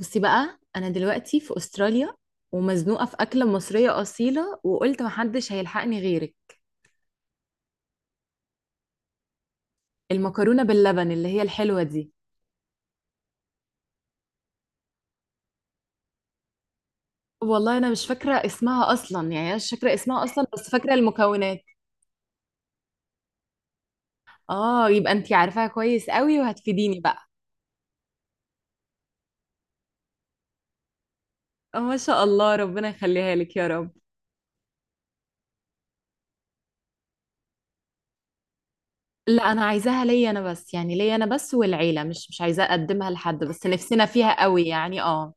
بصي بقى، انا دلوقتي في استراليا ومزنوقه في اكله مصريه اصيله، وقلت محدش هيلحقني غيرك. المكرونه باللبن اللي هي الحلوه دي. والله انا مش فاكره اسمها اصلا. يعني أنا مش فاكره اسمها اصلا بس فاكره المكونات. اه، يبقى انتي عارفاها كويس قوي وهتفيديني بقى. آه، ما شاء الله، ربنا يخليها لك يا رب. لا انا عايزاها ليا انا بس، والعيله، مش عايزاه اقدمها لحد، بس نفسنا فيها قوي يعني، اه.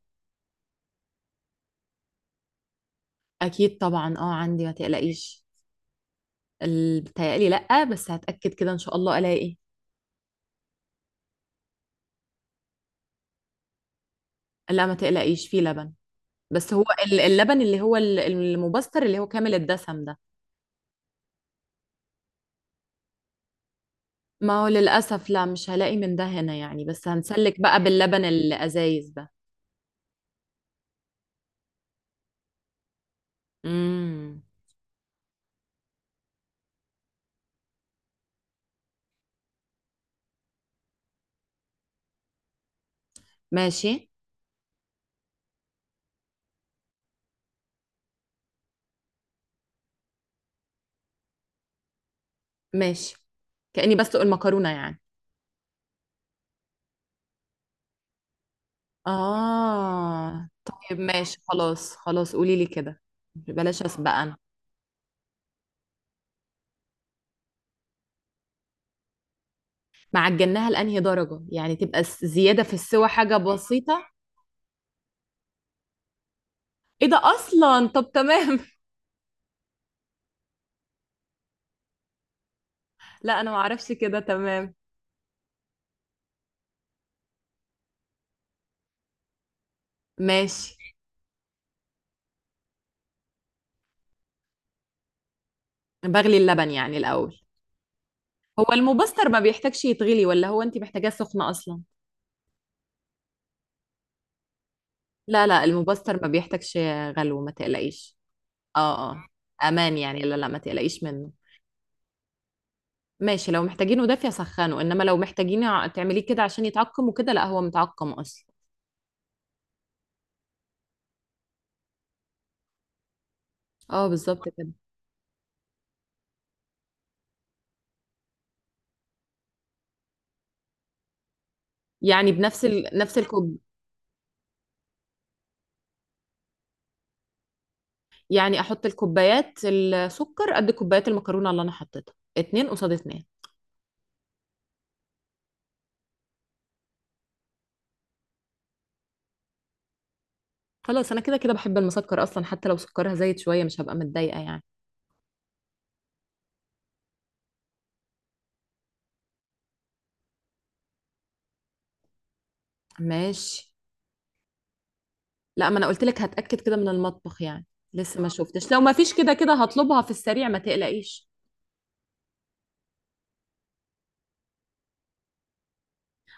اكيد طبعا، اه عندي، ما تقلقيش. بتهيألي لأ، بس هتأكد كده إن شاء الله ألاقي. لا ما تقلقيش، فيه لبن. بس هو اللبن اللي هو المبستر اللي هو كامل الدسم ده. ما هو للأسف لا، مش هلاقي من ده هنا يعني، بس هنسلك بقى باللبن الأزايز ده. امم ماشي. ماشي، كأني بسلق المكرونة يعني. آه طيب، ماشي خلاص خلاص، قولي لي كده. بلاش أسبق أنا. معجناها لأنهي درجة يعني؟ تبقى زيادة في السوى حاجة بسيطة. ايه ده اصلا؟ طب تمام. لا انا ما اعرفش، كده تمام. ماشي. بغلي اللبن يعني الاول؟ هو المبستر ما بيحتاجش يتغلي، ولا هو انت محتاجاه سخنه اصلا؟ لا لا، المبستر ما بيحتاجش. غلو، ما تقلقيش. اه اه. امان يعني، لا لا، ما تقلقيش منه. ماشي، لو محتاجينه دافي سخنه، انما لو محتاجين تعمليه كده عشان يتعقم وكده، لا هو متعقم اصلا. اه بالظبط كده. يعني بنفس نفس الكوب؟ يعني احط الكوبايات السكر قد كوبايات المكرونه اللي انا حطيتها، اتنين قصاد اتنين؟ خلاص، انا كده كده بحب المسكر اصلا، حتى لو سكرها زايد شويه مش هبقى متضايقه يعني. ماشي. لا، ما انا قلت لك هتاكد كده من المطبخ يعني. لسه ما شفتش، لو ما فيش كده كده هطلبها في السريع، ما تقلقيش.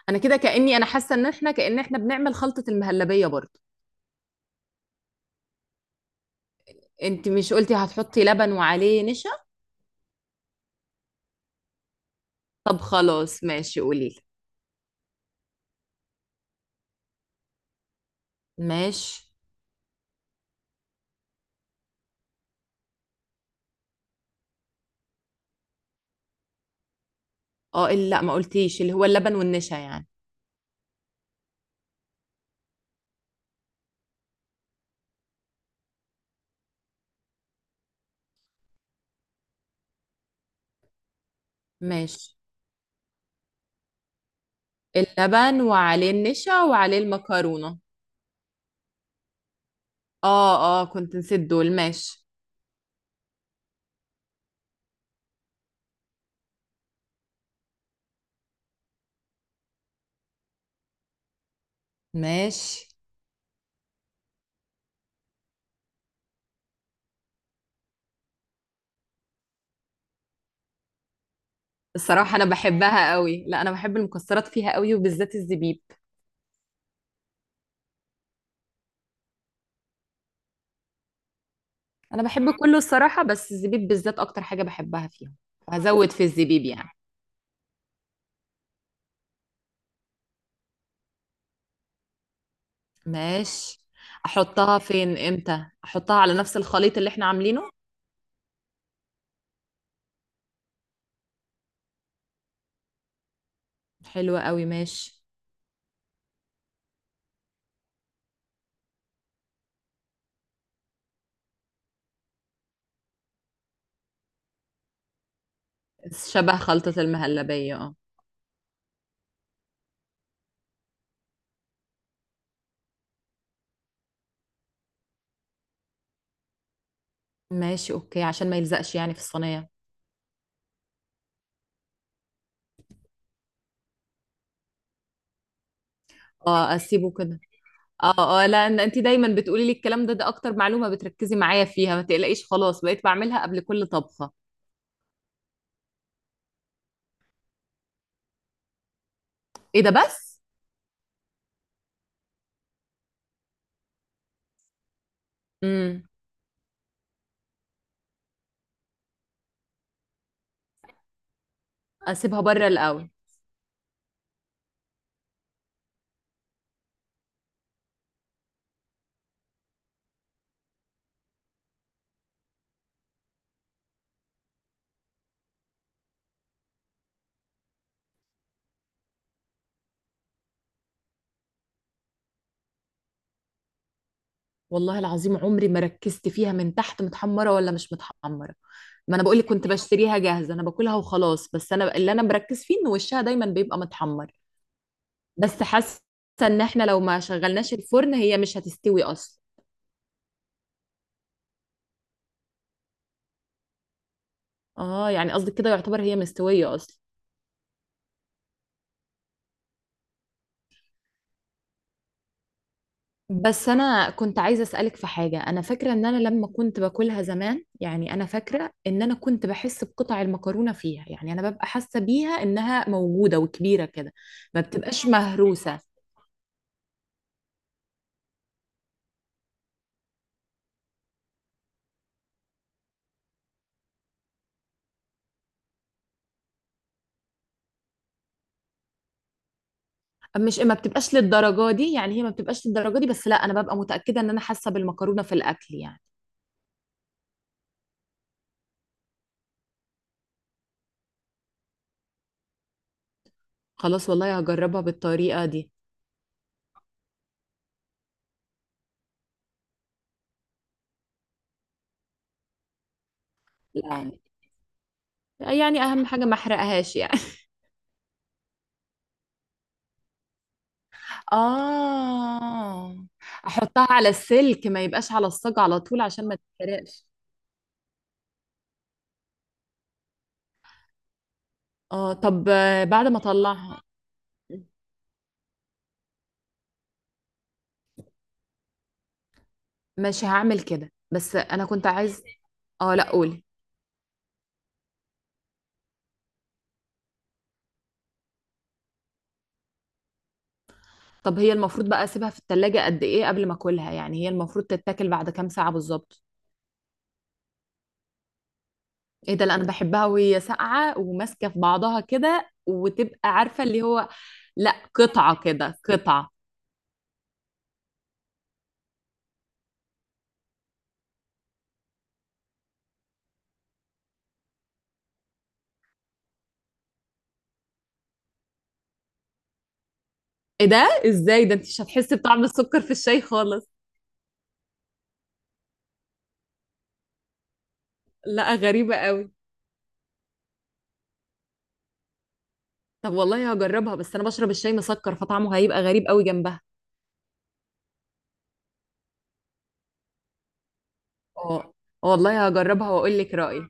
انا كده كاني انا حاسه ان احنا كان احنا بنعمل خلطه المهلبيه برضو. انت مش قلتي هتحطي لبن وعليه نشا؟ طب خلاص ماشي، قولي لي. ماشي. اه لا، ما قلتيش اللي هو اللبن والنشا يعني. ماشي. اللبن وعليه النشا وعليه المكرونه. اه اه، كنت نسيت دول. ماشي. ماشي. الصراحة أنا بحبها قوي، لا أنا بحب المكسرات فيها قوي، وبالذات الزبيب. أنا بحب كله الصراحة، بس الزبيب بالذات أكتر حاجة بحبها فيهم. هزود في الزبيب يعني؟ ماشي. أحطها فين؟ إمتى أحطها؟ على نفس الخليط اللي إحنا عاملينه؟ حلوة قوي. ماشي. شبه خلطة المهلبية، اه. ماشي أوكي، عشان ما يلزقش يعني في الصينية. اه، أسيبه كده. اه اه، لا إن انت دايما بتقولي لي الكلام ده، ده اكتر معلومه بتركزي معايا فيها، ما تقلقيش خلاص، بقيت بعملها قبل كل طبخه. ايه ده بس؟ امم اسيبها بره الاول. والله العظيم عمري ما ركزت فيها من تحت متحمره ولا مش متحمره. ما انا بقول لك كنت بشتريها جاهزه، انا باكلها وخلاص، بس انا اللي انا مركز فيه ان وشها دايما بيبقى متحمر. بس حاسه ان احنا لو ما شغلناش الفرن هي مش هتستوي اصلا. اه، يعني قصدك كده يعتبر هي مستويه اصلا. بس انا كنت عايزه اسالك في حاجه، انا فاكره ان انا لما كنت باكلها زمان يعني، انا فاكره ان انا كنت بحس بقطع المكرونه فيها يعني، انا ببقى حاسه بيها انها موجوده وكبيره كده. ما بتبقاش مهروسه؟ مش ما بتبقاش للدرجه دي يعني، هي ما بتبقاش للدرجه دي، بس لا انا ببقى متاكده ان انا حاسه بالمكرونه في الاكل يعني. خلاص والله هجربها بالطريقه دي. لا يعني اهم حاجه ما احرقهاش يعني. اه. احطها على السلك، ما يبقاش على الصاج على طول عشان ما تتحرقش. اه طب آه، بعد ما اطلعها. ماشي هعمل كده، بس انا كنت عايز. اه لا، قولي. طب هي المفروض بقى اسيبها في التلاجة قد ايه قبل ما اكلها يعني؟ هي المفروض تتاكل بعد كام ساعة بالظبط؟ ايه ده؟ لا انا بحبها وهي ساقعة وماسكة في بعضها كده، وتبقى عارفة اللي هو. لا، قطعة كده قطعة. ايه ده، ازاي ده؟ انت مش هتحسي بطعم السكر في الشاي خالص. لا غريبة قوي. طب والله هجربها، بس انا بشرب الشاي مسكر فطعمه هيبقى غريب قوي جنبها. اه. والله هجربها واقول لك رأيي.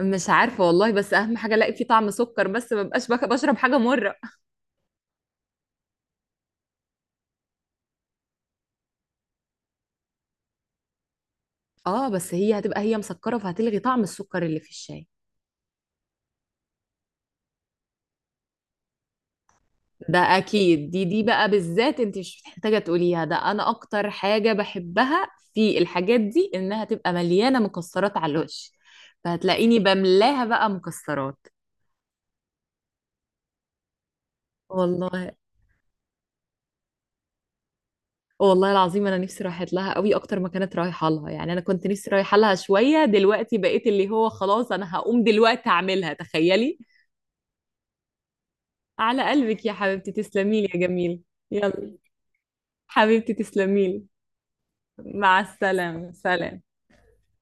مش عارفة والله، بس أهم حاجة ألاقي فيه طعم سكر، بس ما بقاش بشرب حاجة مرة. اه بس هي هتبقى هي مسكرة فهتلغي طعم السكر اللي في الشاي. ده أكيد، دي بقى بالذات أنت مش محتاجة تقوليها، ده أنا أكتر حاجة بحبها في الحاجات دي، إنها تبقى مليانة مكسرات على الوش. فهتلاقيني بملاها بقى مكسرات. والله، والله العظيم انا نفسي رايحه لها قوي اكتر ما كانت رايحه لها يعني، انا كنت نفسي رايحه لها شويه، دلوقتي بقيت اللي هو خلاص انا هقوم دلوقتي اعملها، تخيلي. على قلبك يا حبيبتي، تسلمي لي يا جميل. يلا، حبيبتي تسلمي لي. مع السلامة، سلام.